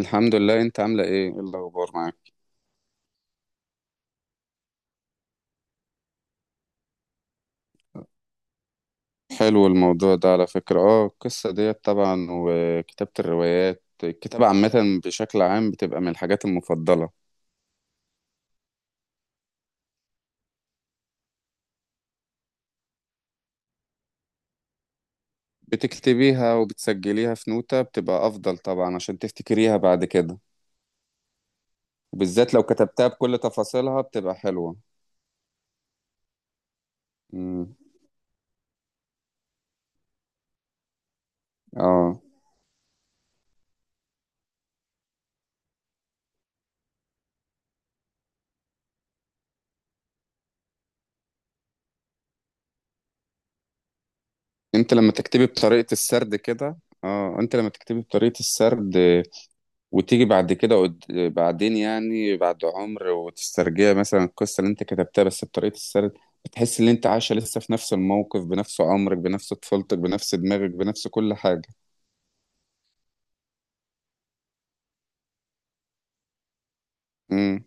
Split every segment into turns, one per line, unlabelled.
الحمد لله. انت عاملة ايه الاخبار معاك؟ حلو الموضوع ده على فكرة. اه القصة ديت طبعا وكتابة الروايات، الكتابة عامة بشكل عام بتبقى من الحاجات المفضلة. بتكتبيها وبتسجليها في نوتة، بتبقى افضل طبعا عشان تفتكريها بعد كده. وبالذات لو كتبتها بكل تفاصيلها بتبقى حلوة. امم اه، انت لما تكتبي بطريقة السرد كده، اه انت لما تكتبي بطريقة السرد وتيجي بعد كده بعدين يعني، بعد عمر، وتسترجع مثلا القصة اللي انت كتبتها بس بطريقة السرد، بتحس ان انت عايشة لسه في نفس الموقف، بنفس عمرك، بنفس طفولتك، بنفس دماغك، بنفس كل حاجة. امم.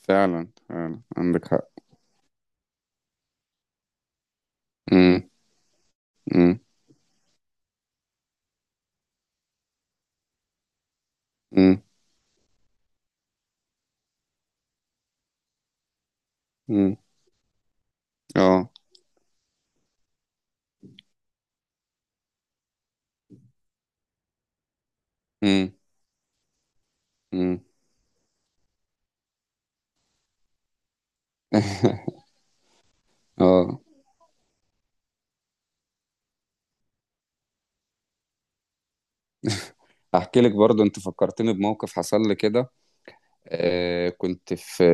فعلا فعلا عندك حق. امم. امم. امم. امم. اه. امم. امم. اه، احكي لك برضه، انت فكرتني بموقف حصل لي كده. كنت في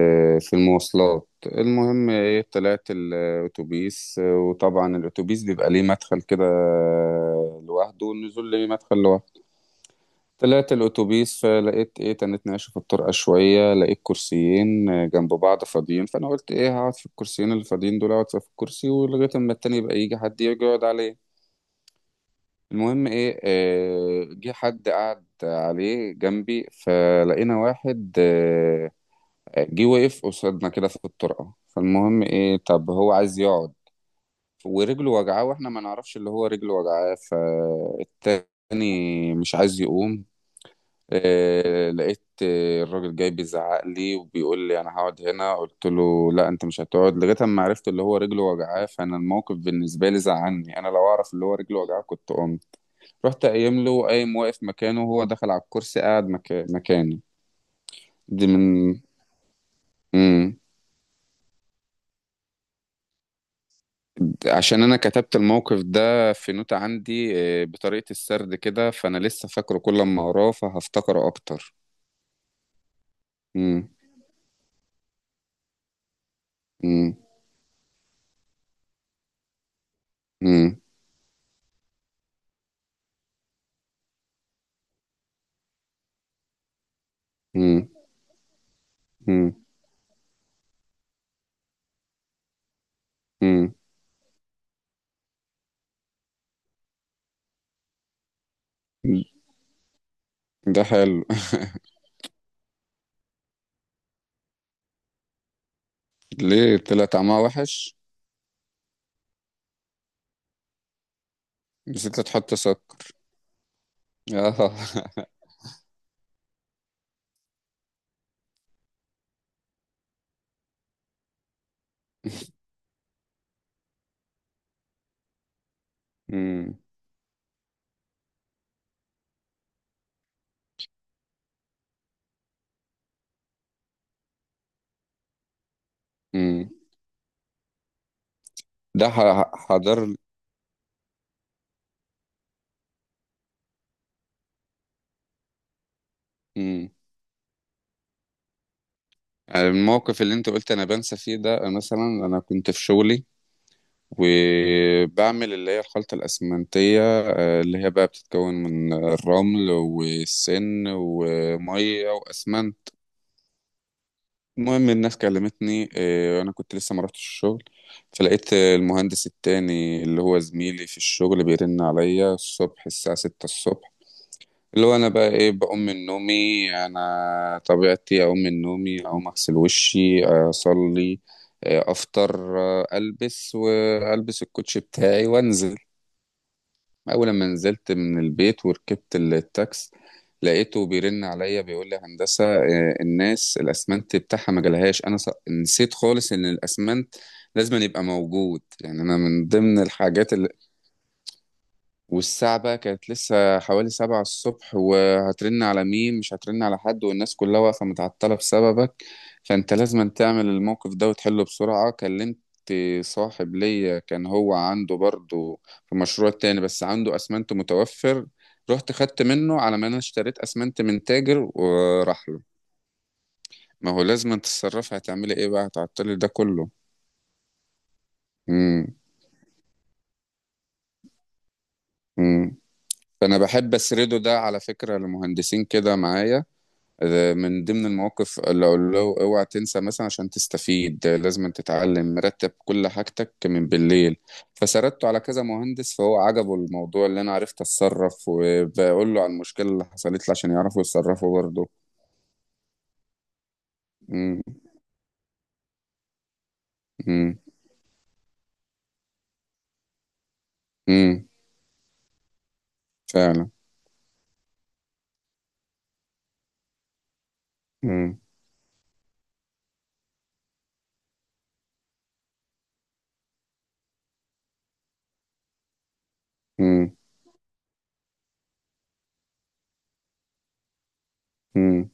المواصلات. المهم ايه، طلعت الاتوبيس، وطبعا الاتوبيس بيبقى ليه مدخل كده لوحده، والنزول ليه مدخل لوحده. طلعت الاتوبيس فلقيت ايه، تنت ناشف الطرقة شوية، لقيت كرسيين جنب بعض فاضيين، فانا قلت ايه، هقعد في الكرسيين اللي فاضيين دول، اقعد في الكرسي ولغاية اما التاني يبقى يجي حد يجي يقعد عليه. المهم ايه، جه حد قعد عليه جنبي، فلقينا واحد جه وقف قصادنا كده في الطرقة، فالمهم ايه، طب هو عايز يقعد ورجله وجعاه، واحنا ما نعرفش اللي هو رجله وجعاه، فالتاني مش عايز يقوم. لقيت الراجل جاي بيزعق لي وبيقول لي انا هقعد هنا. قلت له لا، انت مش هتقعد لغايه اما عرفت اللي هو رجله وجعاه. فانا الموقف بالنسبه لي زعلني، انا لو اعرف اللي هو رجله وجعاه كنت قمت. رحت قايم له، قايم واقف مكانه، وهو دخل على الكرسي قاعد مكاني. دي من مم. عشان انا كتبت الموقف ده في نوتة عندي بطريقة السرد كده، فانا لسه فاكره، كل ما اقراه فهفتكره اكتر. مم. مم. مم. مم. مم. مم. ده حلو. ليه، طلع طعمها وحش؟ نسيت تحط سكر؟ آه. مم. مم. حضر. مم. الموقف اللي انت قلت انا بنسى فيه، ده مثلا انا كنت في شغلي وبعمل اللي هي الخلطة الأسمنتية، اللي هي بقى بتتكون من الرمل والسن ومية وأسمنت. المهم الناس كلمتني، أنا كنت لسه ما رحتش الشغل، فلقيت المهندس التاني اللي هو زميلي في الشغل بيرن عليا الصبح الساعة ستة الصبح. اللي هو أنا بقى إيه، بقوم من نومي، أنا طبيعتي أقوم من نومي، أقوم أغسل وشي أصلي، أفطر، ألبس، وألبس الكوتش بتاعي وأنزل. أول ما نزلت من البيت وركبت التاكس، لقيته بيرن عليا بيقول لي هندسة الناس الأسمنت بتاعها ما جالهاش. أنا نسيت خالص إن الأسمنت لازم أن يبقى موجود، يعني أنا من ضمن الحاجات. والساعة بقى كانت لسه حوالي سبعة الصبح، وهترن على مين؟ مش هترن على حد، والناس كلها واقفة متعطلة بسببك، فانت لازم تعمل الموقف ده وتحله بسرعة. كلمت صاحب ليا، كان هو عنده برضه في مشروع تاني بس عنده أسمنت متوفر، رحت خدت منه، على ما انا اشتريت أسمنت من تاجر وراح له. ما هو لازم تتصرفي، هتعملي ايه بقى، هتعطلي ده كله؟ امم. امم. فانا بحب اسرده ده على فكرة لمهندسين كده معايا، من ضمن المواقف، اللي اقول له اوعى تنسى مثلا عشان تستفيد، لازم أن تتعلم رتب كل حاجتك من بالليل. فسردته على كذا مهندس، فهو عجبه الموضوع، اللي انا عرفت اتصرف، وبقول له عن المشكلة اللي حصلت لي عشان يعرفوا يتصرفوا برضه. امم. امم. امم. فعلا. امم. امم. امم.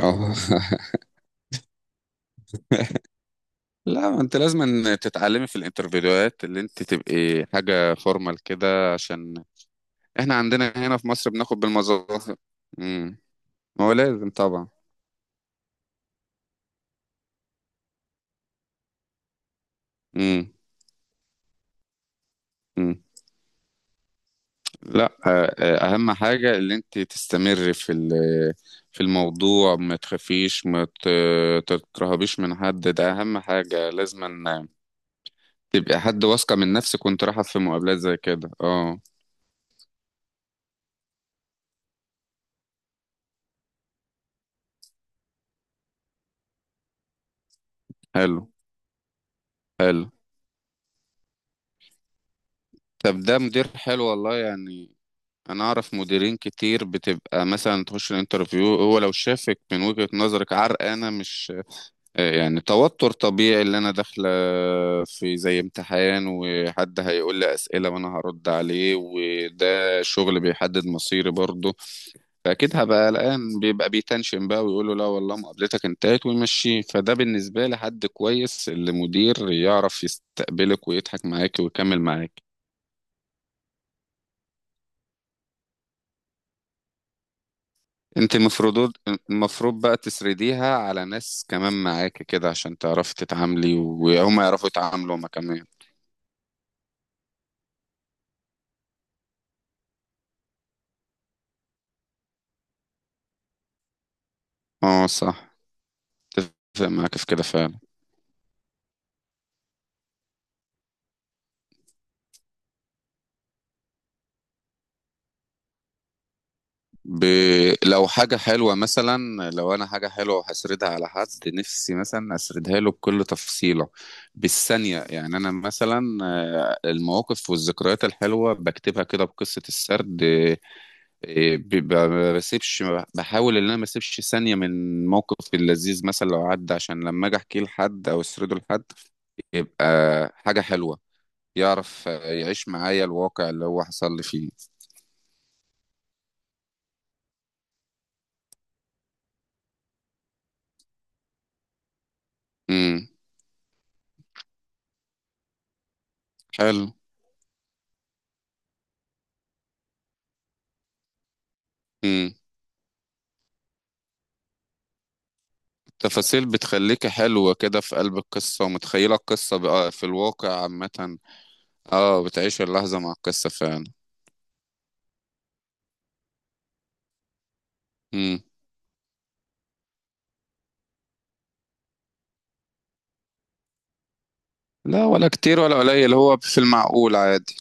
اه. لا، ما انت لازم أن تتعلمي في الانترفيوهات اللي انت تبقي حاجة فورمال كده، عشان احنا عندنا هنا في مصر بناخد بالمظاهر. امم. ما هو لازم طبعا. امم. امم. لا، اهم حاجه اللي انت تستمر في في الموضوع، ما تخافيش، ما ت- تترهبيش من حد، ده اهم حاجه، لازم أن تبقى حد واثقه من نفسك وانت رايحه في مقابلات زي كده. اه. حلو. حلو. طب ده مدير حلو والله يعني. انا اعرف مديرين كتير بتبقى مثلا تخش الانترفيو، هو لو شافك من وجهة نظرك عرقانه، مش يعني توتر طبيعي اللي انا داخله في زي امتحان وحد هيقول لي اسئله وانا هرد عليه، وده شغل بيحدد مصيري برضه، فاكيد هبقى قلقان، بيبقى بيتنشن بقى ويقول له لا والله مقابلتك انتهت ويمشيه. فده بالنسبه لي حد كويس، اللي مدير يعرف يستقبلك ويضحك معاك ويكمل معاك. انت المفروض، المفروض بقى تسرديها على ناس كمان معاك كده، عشان تعرفي تتعاملي وهم يعرفوا يتعاملوا هما كمان. اه صح، اتفق معاك في كده فعلا. ب... لو حاجة حلوة مثلا، لو أنا حاجة حلوة هسردها على حد، نفسي مثلا أسردها له بكل تفصيلة بالثانية. يعني أنا مثلا المواقف والذكريات الحلوة بكتبها كده بقصة السرد. ما بسيبش، بحاول إن أنا ما أسيبش ثانية من موقف اللذيذ، مثلا لو عدى عشان لما أجي أحكيه لحد أو أسرده لحد، يبقى حاجة حلوة، يعرف يعيش معايا الواقع اللي هو حصل لي فيه. امم. حلو. امم. تفاصيل بتخليك حلوة كده في قلب القصة، ومتخيلة القصة بقى في الواقع عامة. اه، بتعيش اللحظة مع القصة فعلا. امم. لا، ولا كتير ولا قليل، هو في المعقول عادي.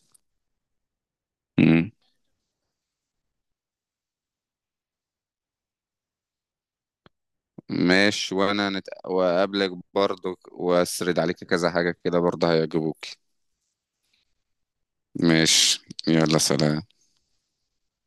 امم. ماشي. وانا وأقابلك برضو وأسرد عليك كذا حاجة كده برضه هيعجبوك. ماشي. يلا سلام.